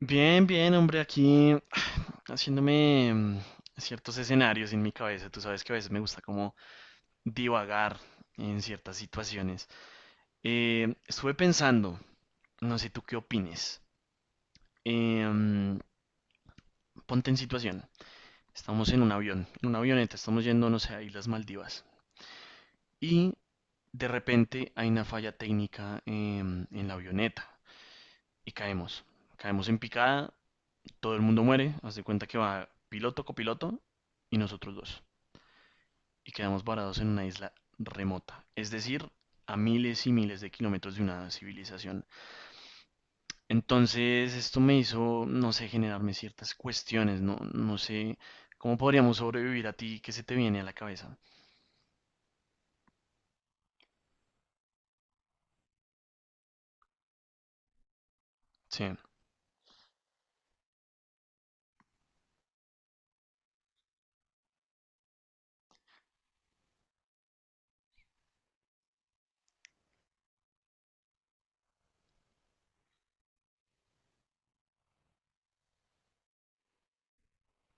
Bien, bien, hombre, aquí haciéndome ciertos escenarios en mi cabeza. Tú sabes que a veces me gusta como divagar en ciertas situaciones. Estuve pensando, no sé tú qué opines. Eh, mm, ponte en situación. Estamos en un avión, en una avioneta, estamos yendo, no sé, a Islas Maldivas. Y de repente hay una falla técnica en la avioneta y caemos. Caemos en picada, todo el mundo muere, haz de cuenta que va piloto, copiloto y nosotros dos. Y quedamos varados en una isla remota, es decir, a miles y miles de kilómetros de una civilización. Entonces, esto me hizo, no sé, generarme ciertas cuestiones, no, sé cómo podríamos sobrevivir. A ti, que se te viene a la cabeza? Sí,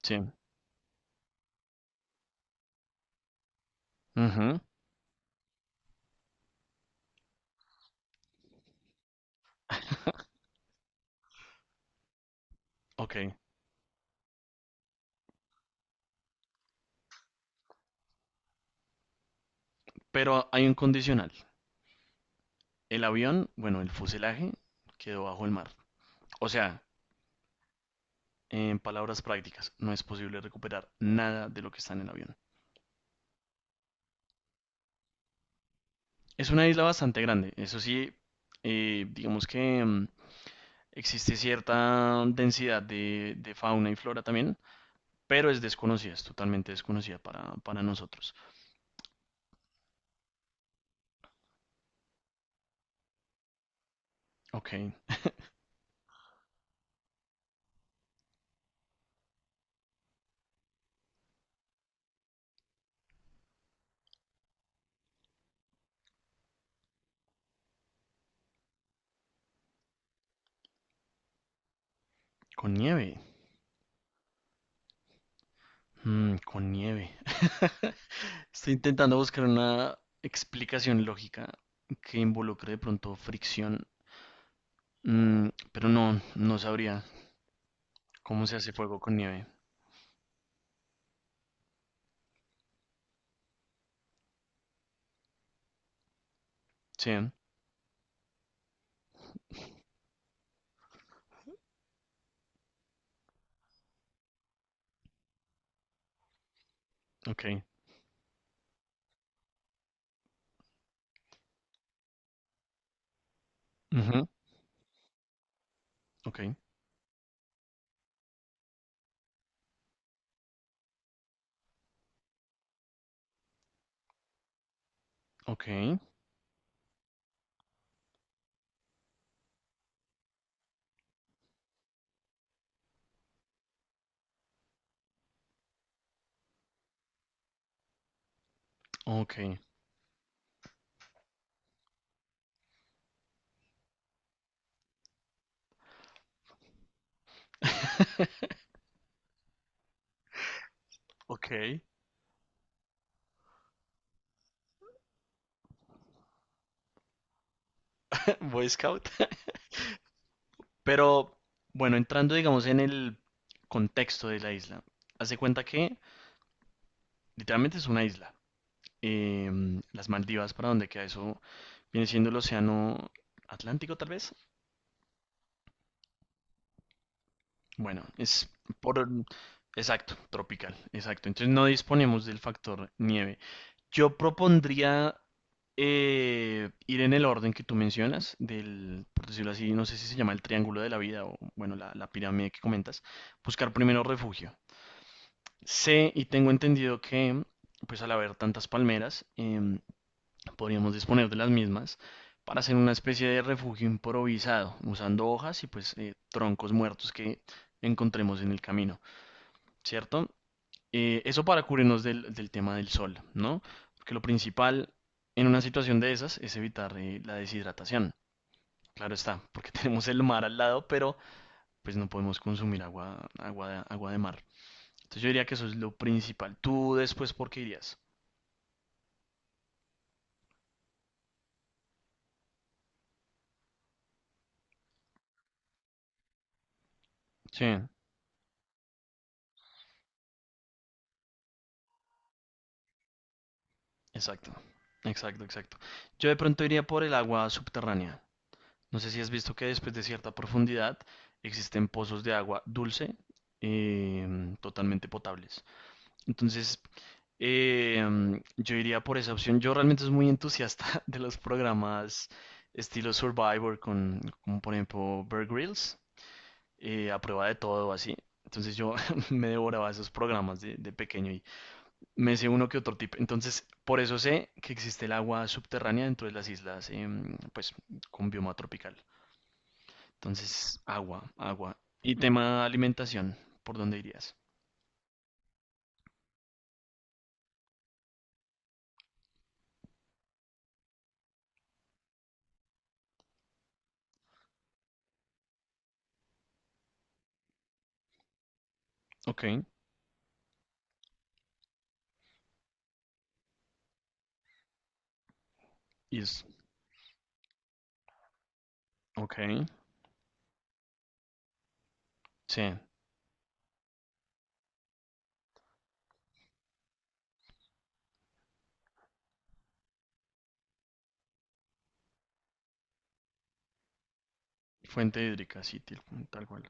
sí. Ujú. Ok. Pero hay un condicional. El avión, bueno, el fuselaje quedó bajo el mar. O sea, en palabras prácticas, no es posible recuperar nada de lo que está en el avión. Es una isla bastante grande, eso sí, digamos que existe cierta densidad de fauna y flora también, pero es desconocida, es totalmente desconocida para nosotros. Ok, con nieve. Mm, con nieve. Estoy intentando buscar una explicación lógica que involucre de pronto fricción. Pero no sabría cómo se hace fuego con nieve. Sí, ok. Ujú. Ok, ok, ok. Ok. Boy Scout. Pero bueno, entrando digamos en el contexto de la isla, hace cuenta que literalmente es una isla. Las Maldivas, para donde queda eso, viene siendo el océano Atlántico tal vez. Bueno, es por... Exacto, tropical, exacto. Entonces no disponemos del factor nieve. Yo propondría ir en el orden que tú mencionas, del, por decirlo así, no sé si se llama el triángulo de la vida o, bueno, la pirámide que comentas, buscar primero refugio. Sé y tengo entendido que, pues al haber tantas palmeras, podríamos disponer de las mismas para hacer una especie de refugio improvisado, usando hojas y pues troncos muertos que encontremos en el camino, ¿cierto? Eso para cubrirnos del, del tema del sol, ¿no? Porque lo principal en una situación de esas es evitar la deshidratación. Claro está, porque tenemos el mar al lado, pero pues no podemos consumir agua, agua de mar. Entonces yo diría que eso es lo principal. ¿Tú después por qué irías? Sí, exacto, exacto, exacto. Yo de pronto iría por el agua subterránea. No sé si has visto que después de cierta profundidad existen pozos de agua dulce totalmente potables. Entonces, yo iría por esa opción. Yo realmente soy muy entusiasta de los programas estilo Survivor, con, como por ejemplo Bear Grylls, a prueba de todo, así. Entonces yo me devoraba esos programas de pequeño. Me sé uno que otro tip. Entonces, por eso sé que existe el agua subterránea dentro de las islas, pues con bioma tropical. Entonces, agua, agua. Y tema alimentación, ¿por dónde irías? Ok, is, ok, sí. Fuente hídrica, sí, til- tal cual.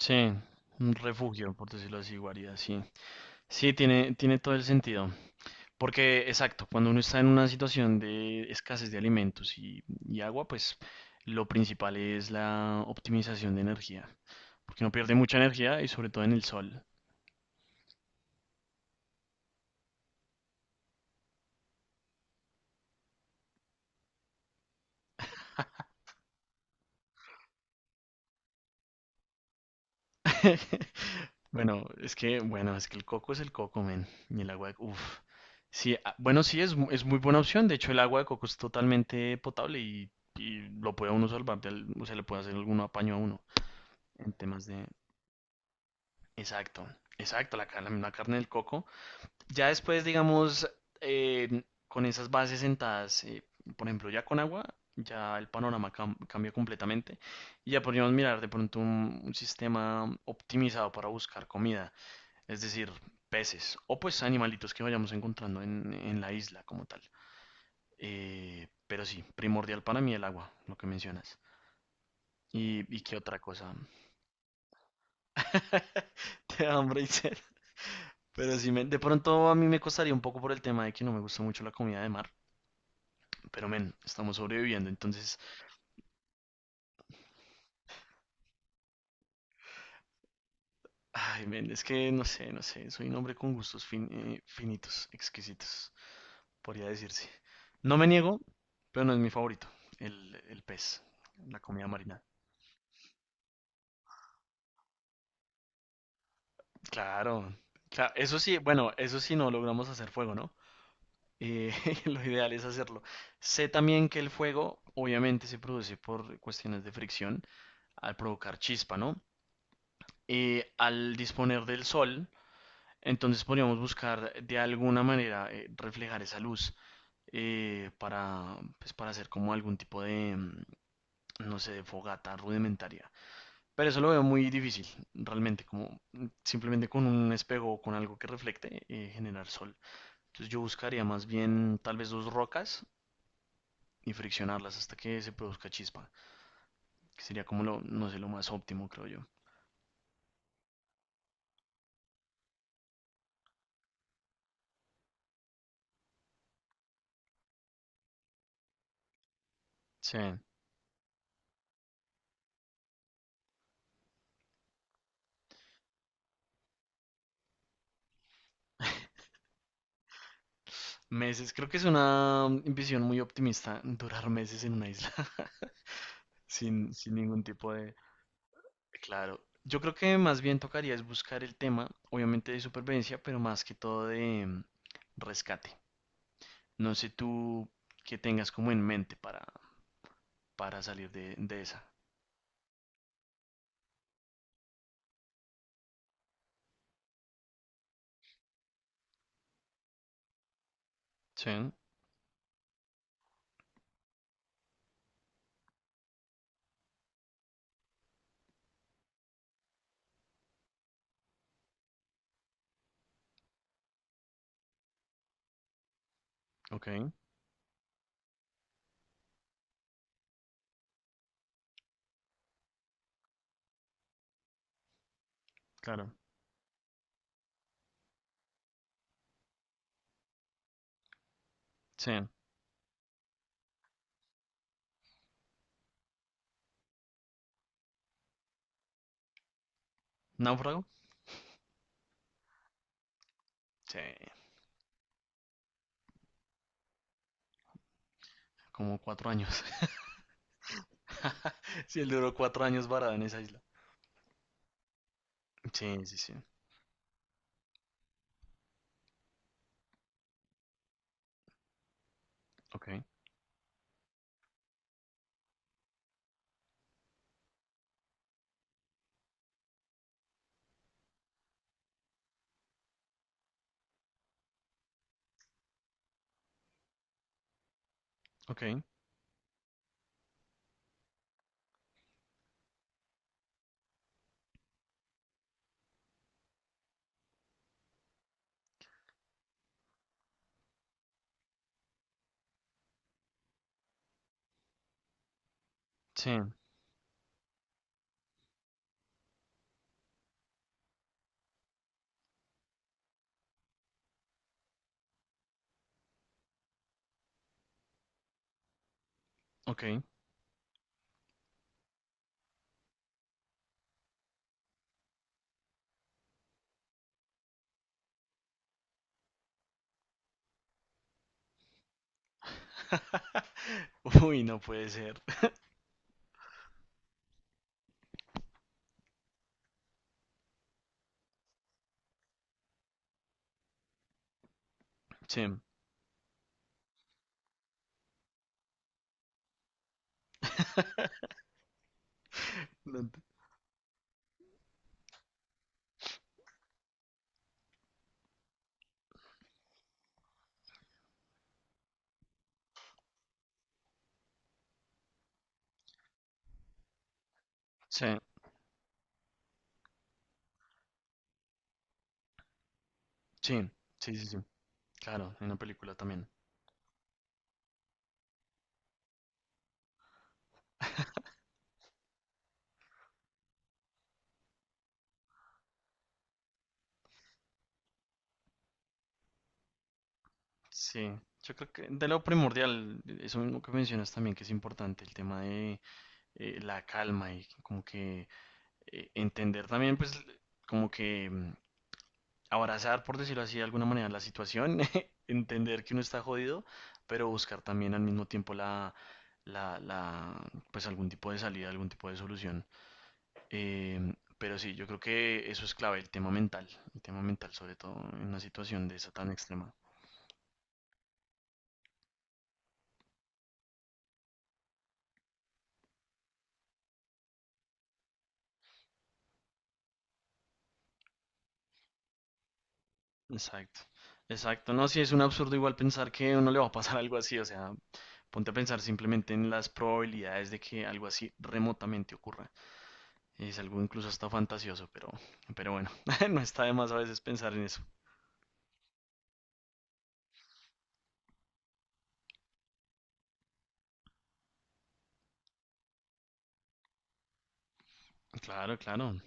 Sí, un refugio, por decirlo así, guarida, sí. Sí, tiene, tiene todo el sentido. Porque, exacto, cuando uno está en una situación de escasez de alimentos y agua, pues lo principal es la optimización de energía. Porque uno pierde mucha energía y sobre todo en el sol. Bueno, es que el coco es el coco, men. Y el agua de... Uf. Sí, ah, bueno, sí, es, mu- es muy buena opción. De hecho, el agua de coco es totalmente potable y lo puede uno salvar, del- o sea, le puede hacer algún apaño a uno en temas de... Exacto, exacto, la, ca- la carne del coco. Ya después, digamos, eh, con esas bases sentadas, por ejemplo, ya con agua, ya el panorama cam- cambia completamente y ya podríamos mirar de pronto un sistema optimizado para buscar comida, es decir, peces o pues animalitos que vayamos encontrando en la isla como tal. Pero sí, primordial para mí el agua, lo que mencionas. Y qué otra cosa? Te da hambre y sed. Pero sí, me- de pronto a mí me costaría un poco por el tema de que no me gusta mucho la comida de mar. Pero, men, estamos sobreviviendo, entonces, ay, men, es que no sé, no sé, soy un hombre con gustos fin- finitos, exquisitos, podría decirse. No me niego, pero no es mi favorito, el pez, la comida marina. Claro, cla- eso sí, bueno, eso sí no logramos hacer fuego, ¿no? Eh, lo ideal es hacerlo. Sé también que el fuego, obviamente, se produce por cuestiones de fricción al provocar chispa, ¿no? Al disponer del sol, entonces podríamos buscar de alguna manera reflejar esa luz para, pues, para hacer como algún tipo de, no sé, de fogata rudimentaria. Pero eso lo veo muy difícil, realmente, como simplemente con un espejo o con algo que reflecte, generar sol. Entonces yo buscaría más bien tal vez dos rocas y friccionarlas hasta que se produzca chispa, que sería como lo, no sé, lo más óptimo, creo yo. Sí. Meses, creo que es una visión muy optimista durar meses en una isla. Sin, sin ningún tipo de... Claro, yo creo que más bien tocaría es buscar el tema, obviamente de supervivencia, pero más que todo de rescate. No sé tú qué tengas como en mente para salir de esa. Sí, ok, claro. Sí, náufrago. Sí, como cuatro años. Sí, él duró cuatro años varado en esa isla. Sí, sí, sí. Ok, ok, sí, ok. Uy, no puede ser. Sí. No. Sí, sí, sí, sí, sí. Claro, en una película también. Sí, yo creo que de lo primordial, eso mismo que mencionas también, que es importante, el tema de la calma y como que entender también, pues, como que abrazar, por decirlo así, de alguna manera, la situación, entender que uno está jodido, pero buscar también al mismo tiempo la, pues, algún tipo de salida, algún tipo de solución. Pero sí, yo creo que eso es clave, el tema mental sobre todo en una situación de esa tan extrema. Exacto, exacto. No, sí es un absurdo igual pensar que a uno le va a pasar algo así, o sea, ponte a pensar simplemente en las probabilidades de que algo así remotamente ocurra. Es algo incluso hasta fantasioso, pero bueno, no está de más a veces pensar en eso. Claro, claro.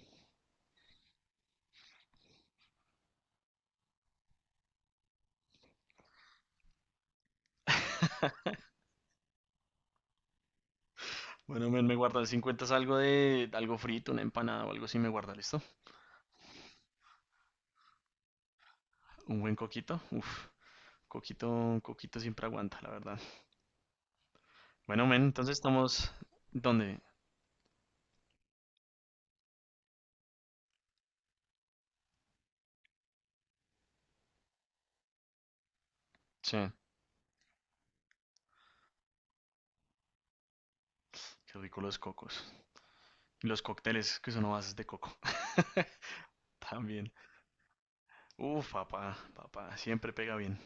Bueno, men, me guarda, si encuentras algo de algo frito, una empanada o algo así, me guarda, ¿listo? Un buen coquito, uff, coquito, coquito siempre aguanta, la verdad. Bueno, men, entonces estamos. ¿Dónde? Sí. Qué rico los cocos. Y los cócteles que son a bases de coco. También. Uf, papá, papá, siempre pega bien.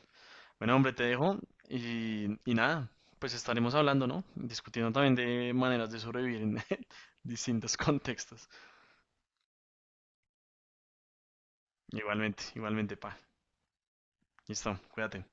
Bueno, hombre, te dejo y nada, pues estaremos hablando, ¿no? Discutiendo también de maneras de sobrevivir en distintos contextos. Igualmente, igualmente, pa. Listo, cuídate.